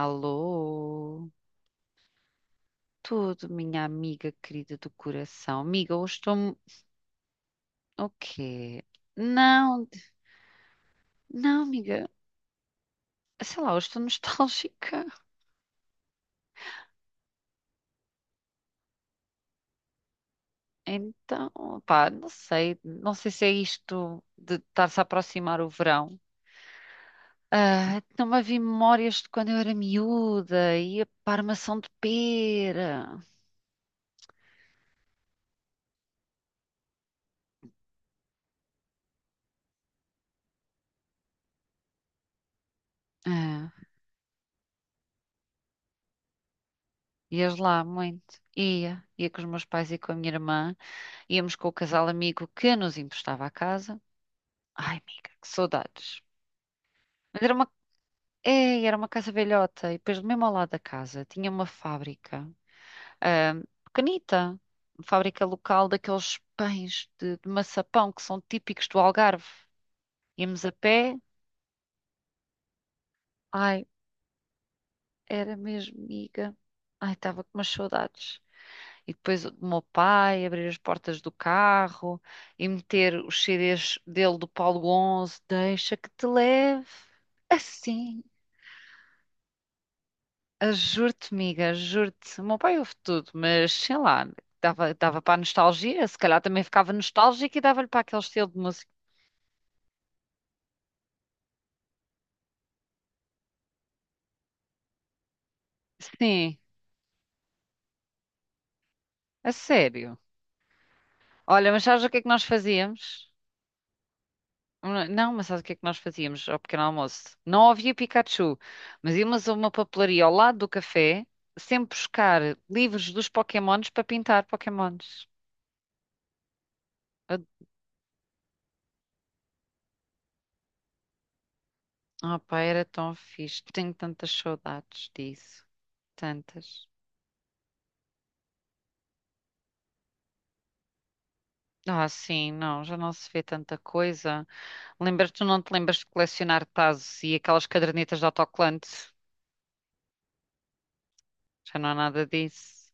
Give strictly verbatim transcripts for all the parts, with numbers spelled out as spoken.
Alô, tudo, minha amiga querida do coração. Amiga, hoje estou. O quê? Não, não, amiga. Sei lá, hoje estou nostálgica. Então, pá, não sei. Não sei se é isto de estar-se a aproximar o verão. Ah, não havia memórias de quando eu era miúda, ia para a Armação de Pera. Ah, ias lá muito. Ia, ia com os meus pais e com a minha irmã. Íamos com o casal amigo que nos emprestava a casa. Ai, amiga, que saudades. Mas era uma, é, era uma casa velhota e depois mesmo ao lado da casa tinha uma fábrica, ahm, pequenita, uma fábrica local daqueles pães de, de maçapão que são típicos do Algarve. Íamos a pé, ai, era mesmo, amiga. Ai, estava com umas saudades. E depois o meu pai abrir as portas do carro e meter os C Ds dele do Paulo onze, deixa que te leve. Assim. Ah, juro-te, amiga, juro-te. O meu pai ouve tudo, mas sei lá, dava, dava para a nostalgia, se calhar também ficava nostálgica e dava-lhe para aquele estilo de música. Sim, a sério. Olha, mas sabes o que é que nós fazíamos? Hum, Não, mas sabes o que é que nós fazíamos ao pequeno almoço? Não havia Pikachu, mas íamos a uma papelaria ao lado do café, sempre buscar livros dos Pokémons para pintar Pokémons. Ah, pá, era tão fixe. Tenho tantas saudades disso. Tantas. Ah, sim, não, já não se vê tanta coisa. Lembras, tu não te lembras de colecionar tazos e aquelas cadernetas de autocolante? Já não há nada disso.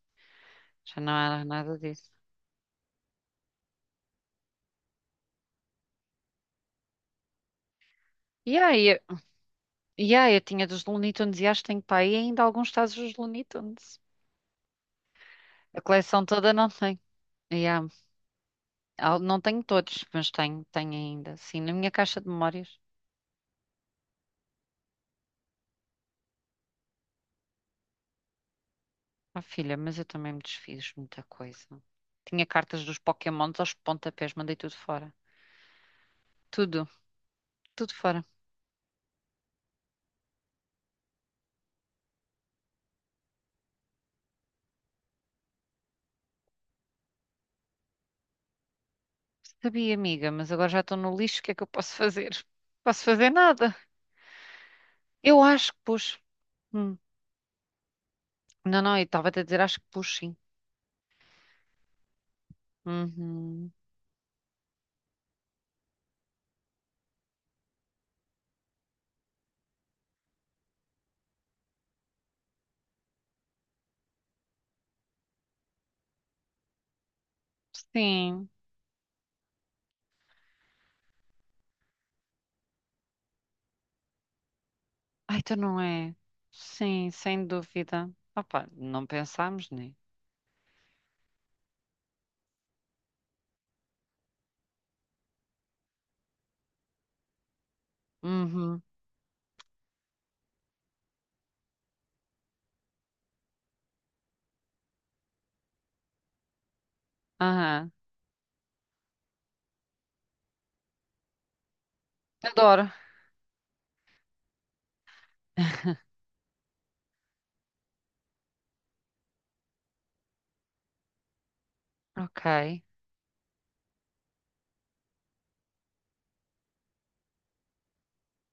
Já não há nada disso. E aí, eu, e aí, eu tinha dos Looney Tunes e acho que tenho para aí ainda alguns tazos dos Looney Tunes. A coleção toda não tenho. E há- não tenho todos, mas tenho, tenho ainda. Sim, na minha caixa de memórias. Ah, filha, mas eu também me desfiz de muita coisa. Tinha cartas dos Pokémons aos pontapés, mandei tudo fora. Tudo, tudo fora. Sabia, amiga, mas agora já estou no lixo, o que é que eu posso fazer? Posso fazer nada. Eu acho que pus. Hum. Não, não, eu estava a dizer, acho que pus sim. Uhum. Sim. Ai, então não é? Sim, sem dúvida. Opa, não pensámos, né? Uhum. Aham. Adoro. Ok.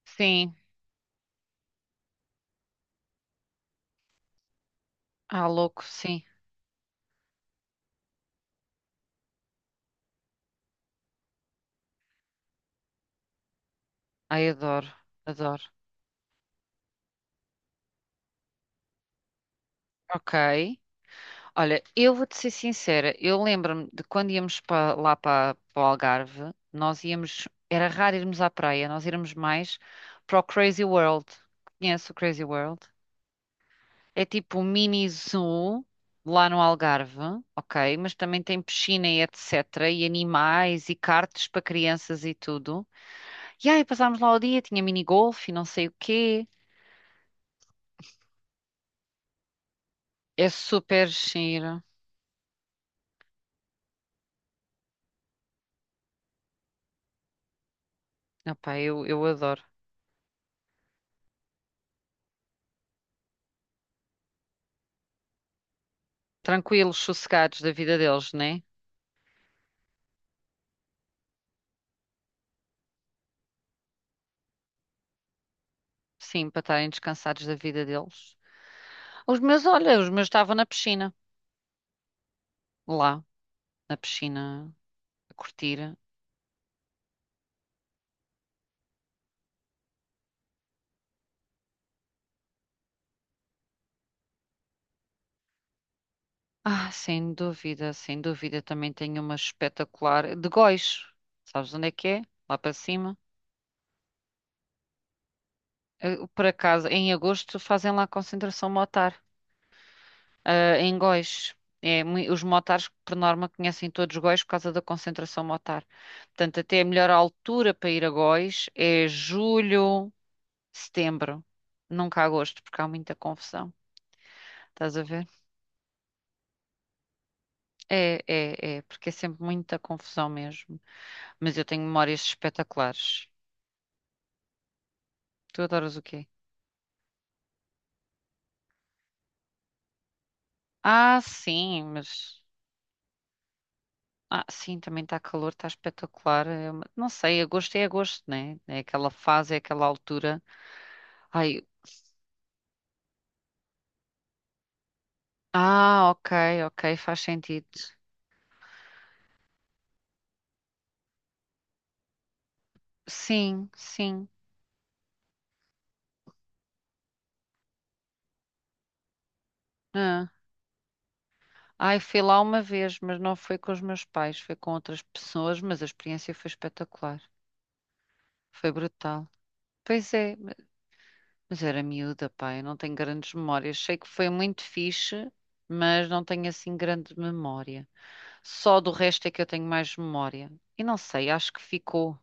Sim. Ah, louco, sim. Ai, adoro. Adoro. Ok. Olha, eu vou-te ser sincera, eu lembro-me de quando íamos pa- lá para o Algarve, nós íamos, era raro irmos à praia, nós íamos mais para o Crazy World. Conhece o Crazy World? É tipo um mini zoo lá no Algarve, ok? Mas também tem piscina e etecetera. E animais e karts para crianças e tudo. E aí passámos lá o dia, tinha mini golfe, e não sei o quê. É super giro. Opá, eu, eu adoro. Tranquilos, sossegados da vida deles, né? Sim, para estarem descansados da vida deles. Os meus, olha, os meus estavam na piscina, lá, na piscina, a curtir. Ah, sem dúvida, sem dúvida, também tenho uma espetacular de Góis. Sabes onde é que é? Lá para cima. Eh, Por acaso, em agosto fazem lá a concentração motar, ah, em Góis. É, mui- os motares, por norma, conhecem todos Góis por causa da concentração motar. Portanto, até a melhor altura para ir a Góis é julho, setembro, nunca agosto, porque há muita confusão. Estás a ver? É, é, é, porque é sempre muita confusão mesmo. Mas eu tenho memórias espetaculares. Tu adoras o quê? Ah, sim, mas. Ah, sim, também está calor, está espetacular. É uma- Não sei, agosto é agosto, né? É aquela fase, é aquela altura. Ai, ah, ok, ok, faz sentido. Sim, sim. ah. Ai, fui lá uma vez, mas não foi com os meus pais, foi com outras pessoas, mas a experiência foi espetacular. Foi brutal. Pois é, mas era miúda, pá, eu não tenho grandes memórias. Sei que foi muito fixe, mas não tenho assim grande memória. Só do resto é que eu tenho mais memória. E não sei, acho que ficou.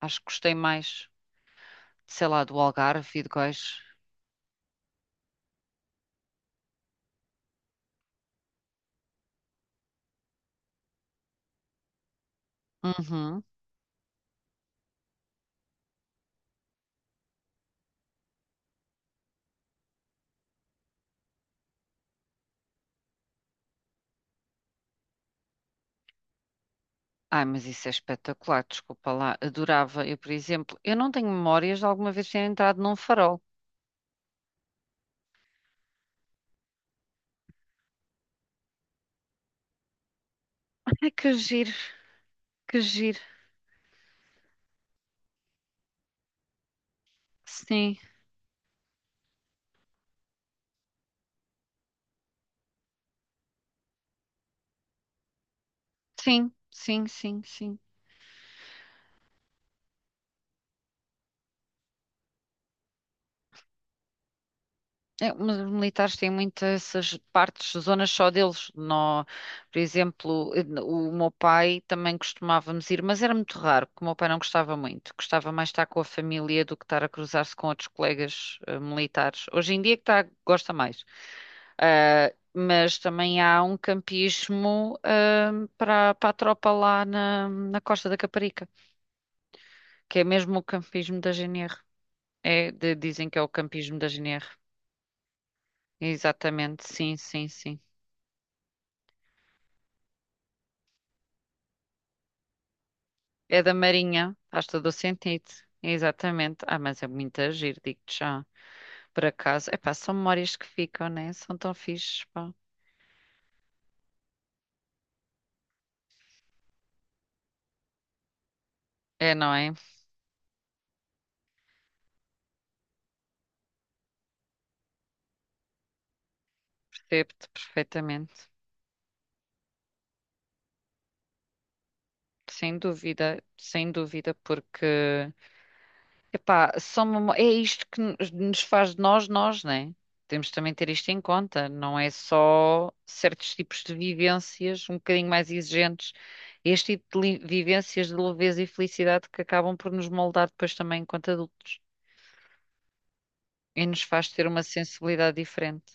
Acho que gostei mais, sei lá, do Algarve e de Góis. Uhum. Ai, mas isso é espetacular, desculpa lá. Adorava, eu, por exemplo, eu não tenho memórias de alguma vez ter entrado num farol. Ai, que giro, que giro. Sim, sim, sim, sim, sim. É, mas os militares têm muitas essas partes, zonas só deles. Nó- por exemplo, eh, o meu pai também costumávamos ir, mas era muito raro, porque o meu pai não gostava muito. Gostava mais estar com a família do que estar a cruzar-se com outros colegas eh, militares. Hoje em dia é que tá- gosta mais. Ah, mas também há um campismo, ah, para, para a tropa lá na, na Costa da Caparica, que é mesmo o campismo da G N R. É, de- dizem que é o campismo da G N R. Exatamente, sim, sim, sim. É da Marinha, faz todo o sentido. Exatamente. Ah, mas é muito agir, digo-te já. Por acaso, é pá, são memórias que ficam, né? São tão fixes, pá. É, não é? Percebo-te perfeitamente. Sem dúvida, sem dúvida, porque, epá, são memó- é isto que nos nos faz de nós, nós, né? Temos também de ter isto em conta. Não é só certos tipos de vivências um bocadinho mais exigentes. Este tipo de li- vivências de leveza e felicidade que acabam por nos moldar depois também enquanto adultos. E nos faz ter uma sensibilidade diferente.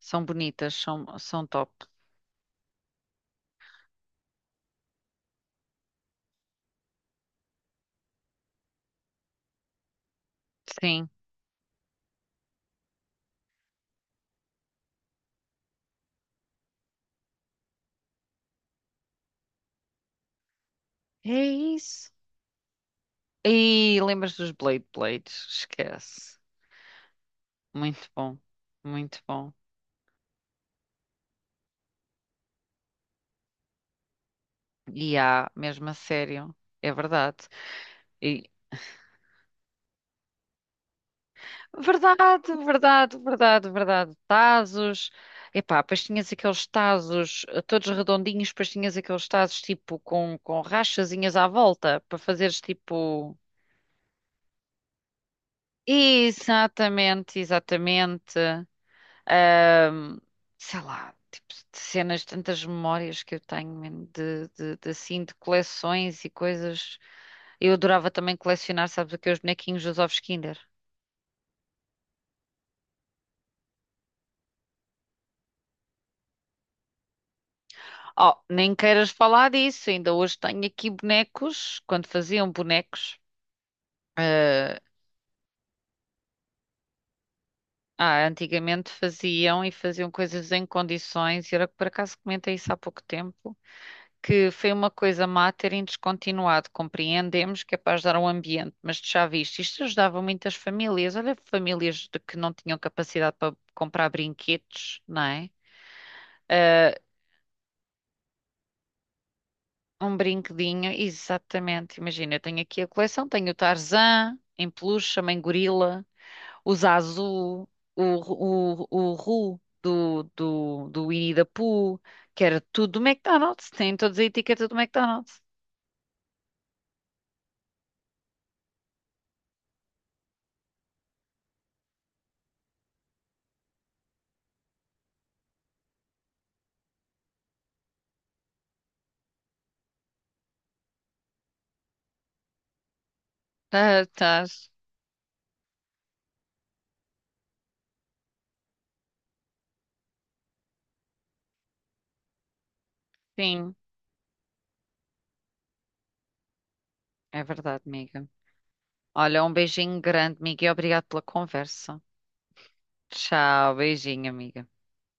São bonitas, são, são top. Sim, é isso. E lembras dos Blade Blades? Esquece. Muito bom, muito bom. E há, mesmo a sério, é verdade. E, verdade, verdade, verdade, verdade. Tazos. Epá, depois tinhas aqueles tazos eh, todos redondinhos, depois tinhas aqueles tazos tipo com, com rachazinhas à volta para fazeres tipo. Exatamente, exatamente. Ahm, Sei lá, tipo de cenas, tantas memórias que eu tenho man, de, de, de assim, de coleções e coisas. Eu adorava também colecionar, sabes o que? É os bonequinhos dos ovos Kinder. Oh, nem queiras falar disso. Ainda hoje tenho aqui bonecos. Quando faziam bonecos, eh, ah, antigamente faziam e faziam coisas em condições. E era que por acaso comentei isso há pouco tempo, que foi uma coisa má terem descontinuado. Compreendemos que é para ajudar o ambiente, mas tu já viste, isto ajudava muitas famílias. Olha, famílias de que não tinham capacidade para comprar brinquedos, não é? Eh, Um brinquedinho, exatamente. Imagina, eu tenho aqui a coleção, tenho o Tarzan em peluche, a mãe gorila, o Zazu, o, o, o Ru do, do, do Winnie the Pooh, que era tudo do McDonald's, tem todas a etiqueta do McDonald's. Tá, tá. Sim, é verdade, amiga. Olha, um beijinho grande, amiga, e obrigado pela conversa. Tchau, beijinho, amiga.